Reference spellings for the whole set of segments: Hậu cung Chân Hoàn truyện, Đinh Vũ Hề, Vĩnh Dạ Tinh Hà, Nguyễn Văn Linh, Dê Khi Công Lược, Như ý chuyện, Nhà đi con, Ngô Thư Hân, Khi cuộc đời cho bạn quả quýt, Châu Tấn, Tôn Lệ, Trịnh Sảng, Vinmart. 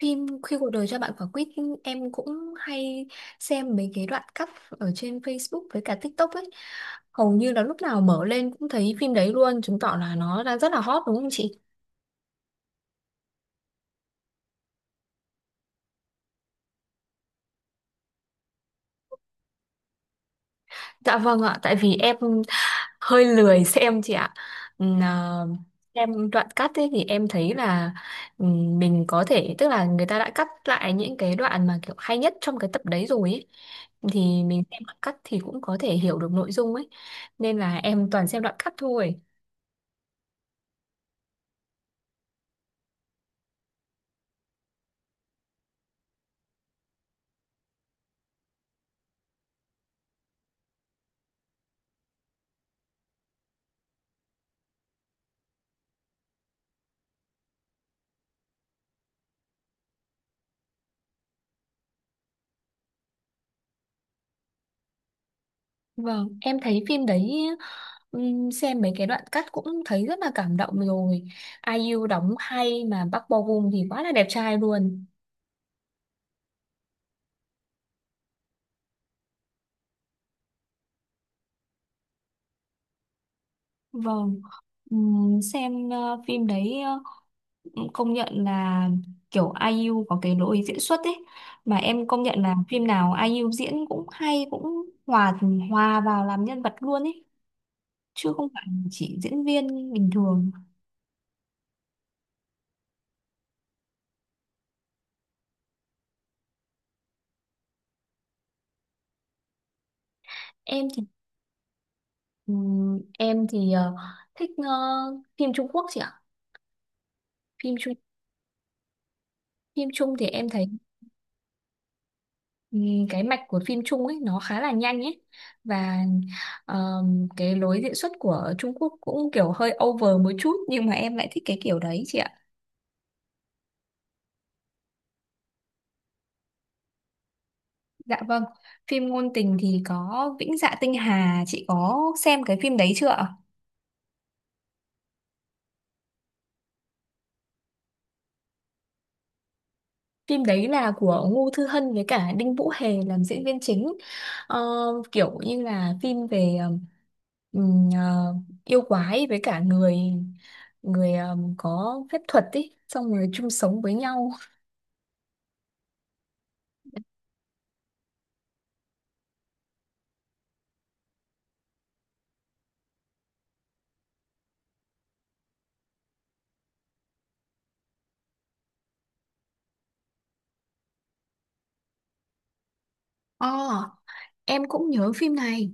Phim Khi cuộc đời cho bạn quả quýt em cũng hay xem mấy cái đoạn cắt ở trên Facebook với cả TikTok ấy. Hầu như là lúc nào mở lên cũng thấy phim đấy luôn, chứng tỏ là nó đang rất là hot đúng không chị? Dạ vâng ạ, tại vì em hơi lười xem chị ạ. Ừm, à, Em đoạn cắt ấy thì em thấy là mình có thể tức là người ta đã cắt lại những cái đoạn mà kiểu hay nhất trong cái tập đấy rồi ấy thì mình xem đoạn cắt thì cũng có thể hiểu được nội dung ấy nên là em toàn xem đoạn cắt thôi. Vâng, em thấy phim đấy xem mấy cái đoạn cắt cũng thấy rất là cảm động rồi. Ai IU đóng hay mà Park Bo Gum thì quá là đẹp trai luôn. Vâng, phim đấy công nhận là kiểu ai IU có cái lối diễn xuất ấy mà em công nhận là phim nào ai IU diễn cũng hay cũng hòa hòa vào làm nhân vật luôn ấy, chứ không phải chỉ diễn viên bình thường. Em thì em thì ờ, thích ờ, phim Trung Quốc chị ạ. Phim Trung Phim Trung thì em thấy cái mạch của phim Trung ấy nó khá là nhanh ấy, và cái lối diễn xuất của Trung Quốc cũng kiểu hơi over một chút nhưng mà em lại thích cái kiểu đấy chị ạ. Dạ vâng, phim ngôn tình thì có Vĩnh Dạ Tinh Hà, chị có xem cái phim đấy chưa ạ? Phim đấy là của Ngô Thư Hân với cả Đinh Vũ Hề làm diễn viên chính. Ờ, kiểu như là phim về ừm, ờ, yêu quái với cả người người có phép thuật ý, xong rồi chung sống với nhau. Ồ, em cũng nhớ phim này.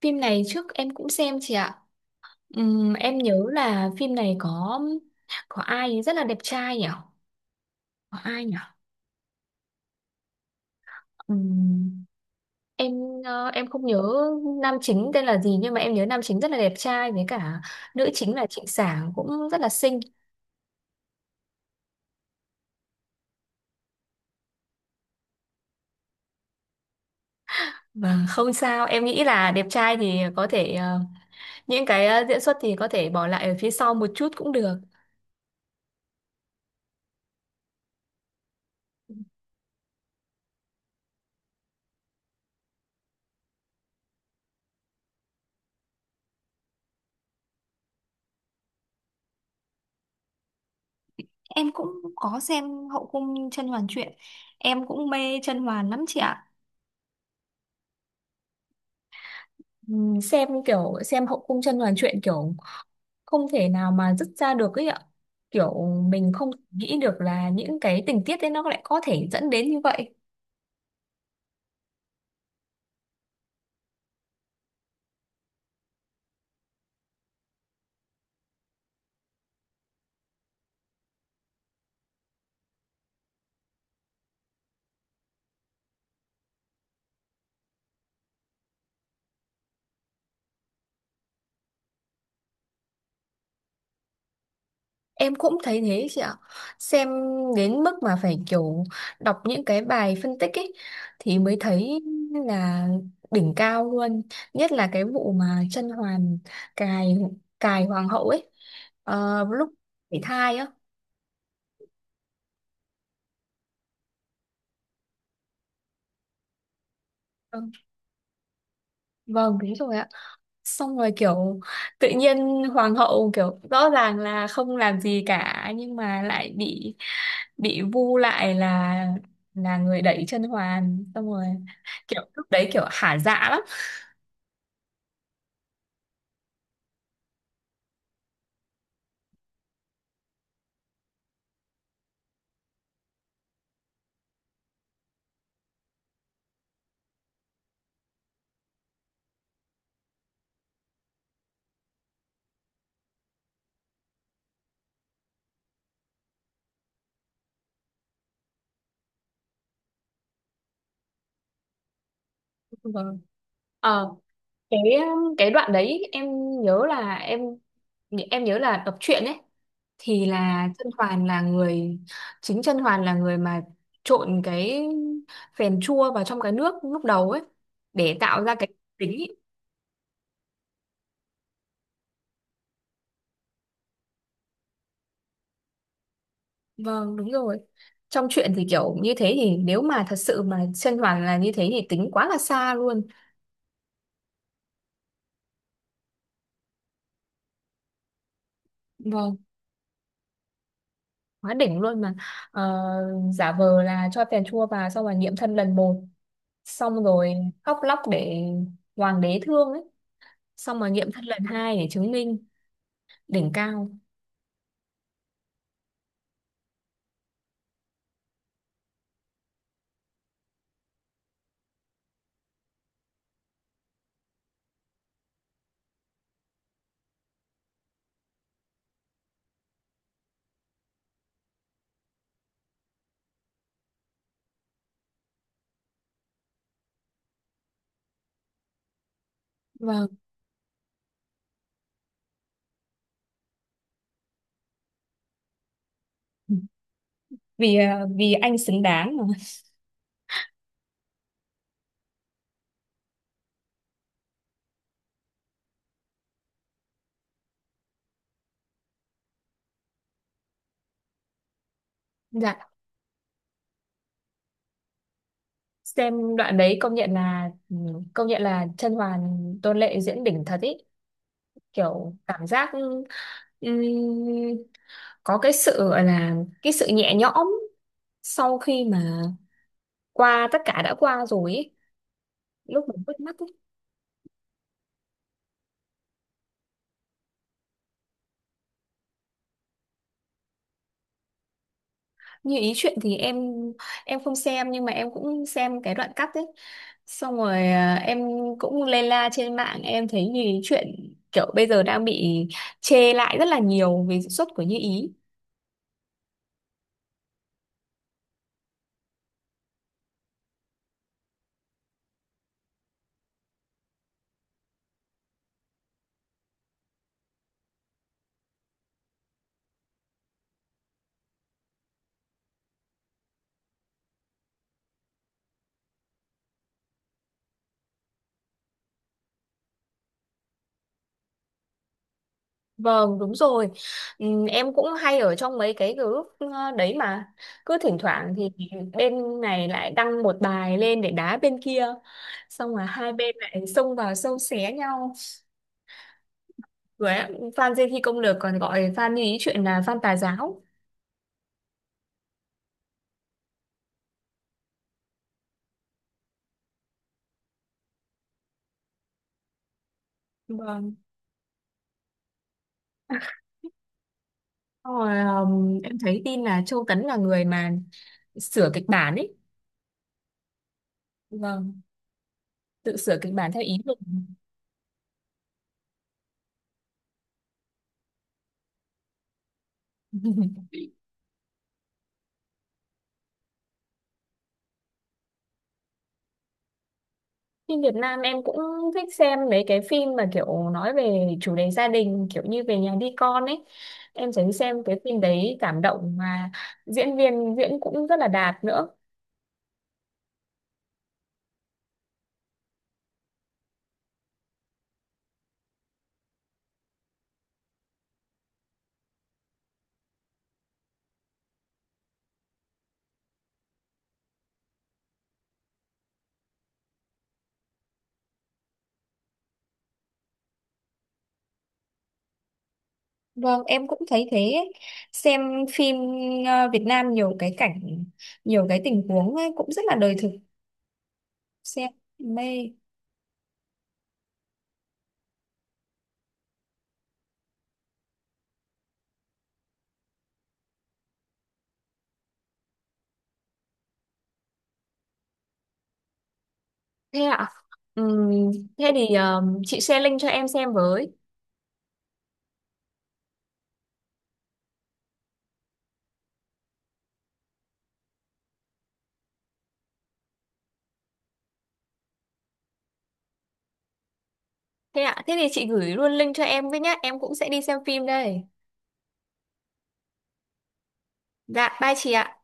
Phim này trước em cũng xem chị ạ. Em nhớ là phim này có ai rất là đẹp trai nhỉ? Có ai nhỉ? Em không nhớ nam chính tên là gì nhưng mà em nhớ nam chính rất là đẹp trai, với cả nữ chính là Trịnh Sảng cũng rất là xinh. Và không sao, em nghĩ là đẹp trai thì có thể những cái diễn xuất thì có thể bỏ lại ở phía sau một chút cũng được. Em cũng có xem Hậu cung甄Hoàn truyện. Em cũng mê甄Hoàn lắm chị ạ. Xem kiểu xem hậu cung chân hoàn truyện kiểu không thể nào mà dứt ra được ấy ạ, kiểu mình không nghĩ được là những cái tình tiết ấy nó lại có thể dẫn đến như vậy. Em cũng thấy thế chị ạ. Xem đến mức mà phải kiểu đọc những cái bài phân tích ấy thì mới thấy là đỉnh cao luôn, nhất là cái vụ mà Chân Hoàn cài cài hoàng hậu ấy, lúc phải thai á. Vâng, vâng, đúng rồi ạ. Xong rồi kiểu tự nhiên hoàng hậu kiểu rõ ràng là không làm gì cả nhưng mà lại bị vu lại là người đẩy chân hoàn, xong rồi kiểu lúc đấy kiểu hả dạ lắm. Vâng. ờ cái cái đoạn đấy em nhớ là em nhớ là đọc truyện ấy thì là chân hoàn là người, chân hoàn là người mà trộn cái phèn chua vào trong cái nước lúc đầu ấy để tạo ra cái tính ý. Vâng, đúng rồi. Trong chuyện thì kiểu như thế, thì nếu mà thật sự mà chân hoàn là như thế thì tính quá là xa luôn. Vâng, quá đỉnh luôn mà. Ờ, giả vờ là cho phèn chua vào xong rồi nghiệm thân lần một. Xong rồi khóc lóc để hoàng đế thương ấy. Xong rồi nghiệm thân lần hai để chứng minh đỉnh cao. Vâng, vì vì anh xứng đáng mà. Dạ. Xem đoạn đấy công nhận là ừ, công nhận là Chân Hoàn Tôn Lệ diễn đỉnh thật ý, kiểu cảm giác Ừm, có cái sự gọi là cái sự nhẹ nhõm sau khi mà qua tất cả đã qua rồi ấy, lúc mà bứt mắt ấy. Như ý chuyện thì em không xem nhưng mà em cũng xem cái đoạn cắt ấy, xong rồi em cũng lê la trên mạng, em thấy như ý chuyện kiểu bây giờ đang bị chê lại rất là nhiều về diễn xuất của Như ý. Vâng, đúng rồi. Em cũng hay ở trong mấy cái group đấy mà. Cứ thỉnh thoảng thì bên này lại đăng một bài lên để đá bên kia. Xong là hai bên lại xông vào xâu xé nhau. Rồi ạ, fan Dê Khi Công Lược còn gọi fan như ý chuyện là fan tà giáo. Vâng. Xong rồi, em thấy tin là Châu Tấn là người mà sửa kịch bản ấy. Vâng, tự sửa kịch bản theo ý mình. Phim Việt Nam em cũng thích xem mấy cái phim mà kiểu nói về chủ đề gia đình, kiểu như về nhà đi con ấy. Em thấy xem cái phim đấy cảm động mà diễn viên diễn cũng rất là đạt nữa. Vâng, em cũng thấy thế ấy. Xem phim Việt Nam nhiều cái cảnh, nhiều cái tình huống ấy, cũng rất là đời thực. Xem mê. Thế ạ? Ừm, thế thì chị share link cho em xem với. Thế ạ? Thế thì chị gửi luôn link cho em với nhá. Em cũng sẽ đi xem phim đây. Dạ, bye chị ạ.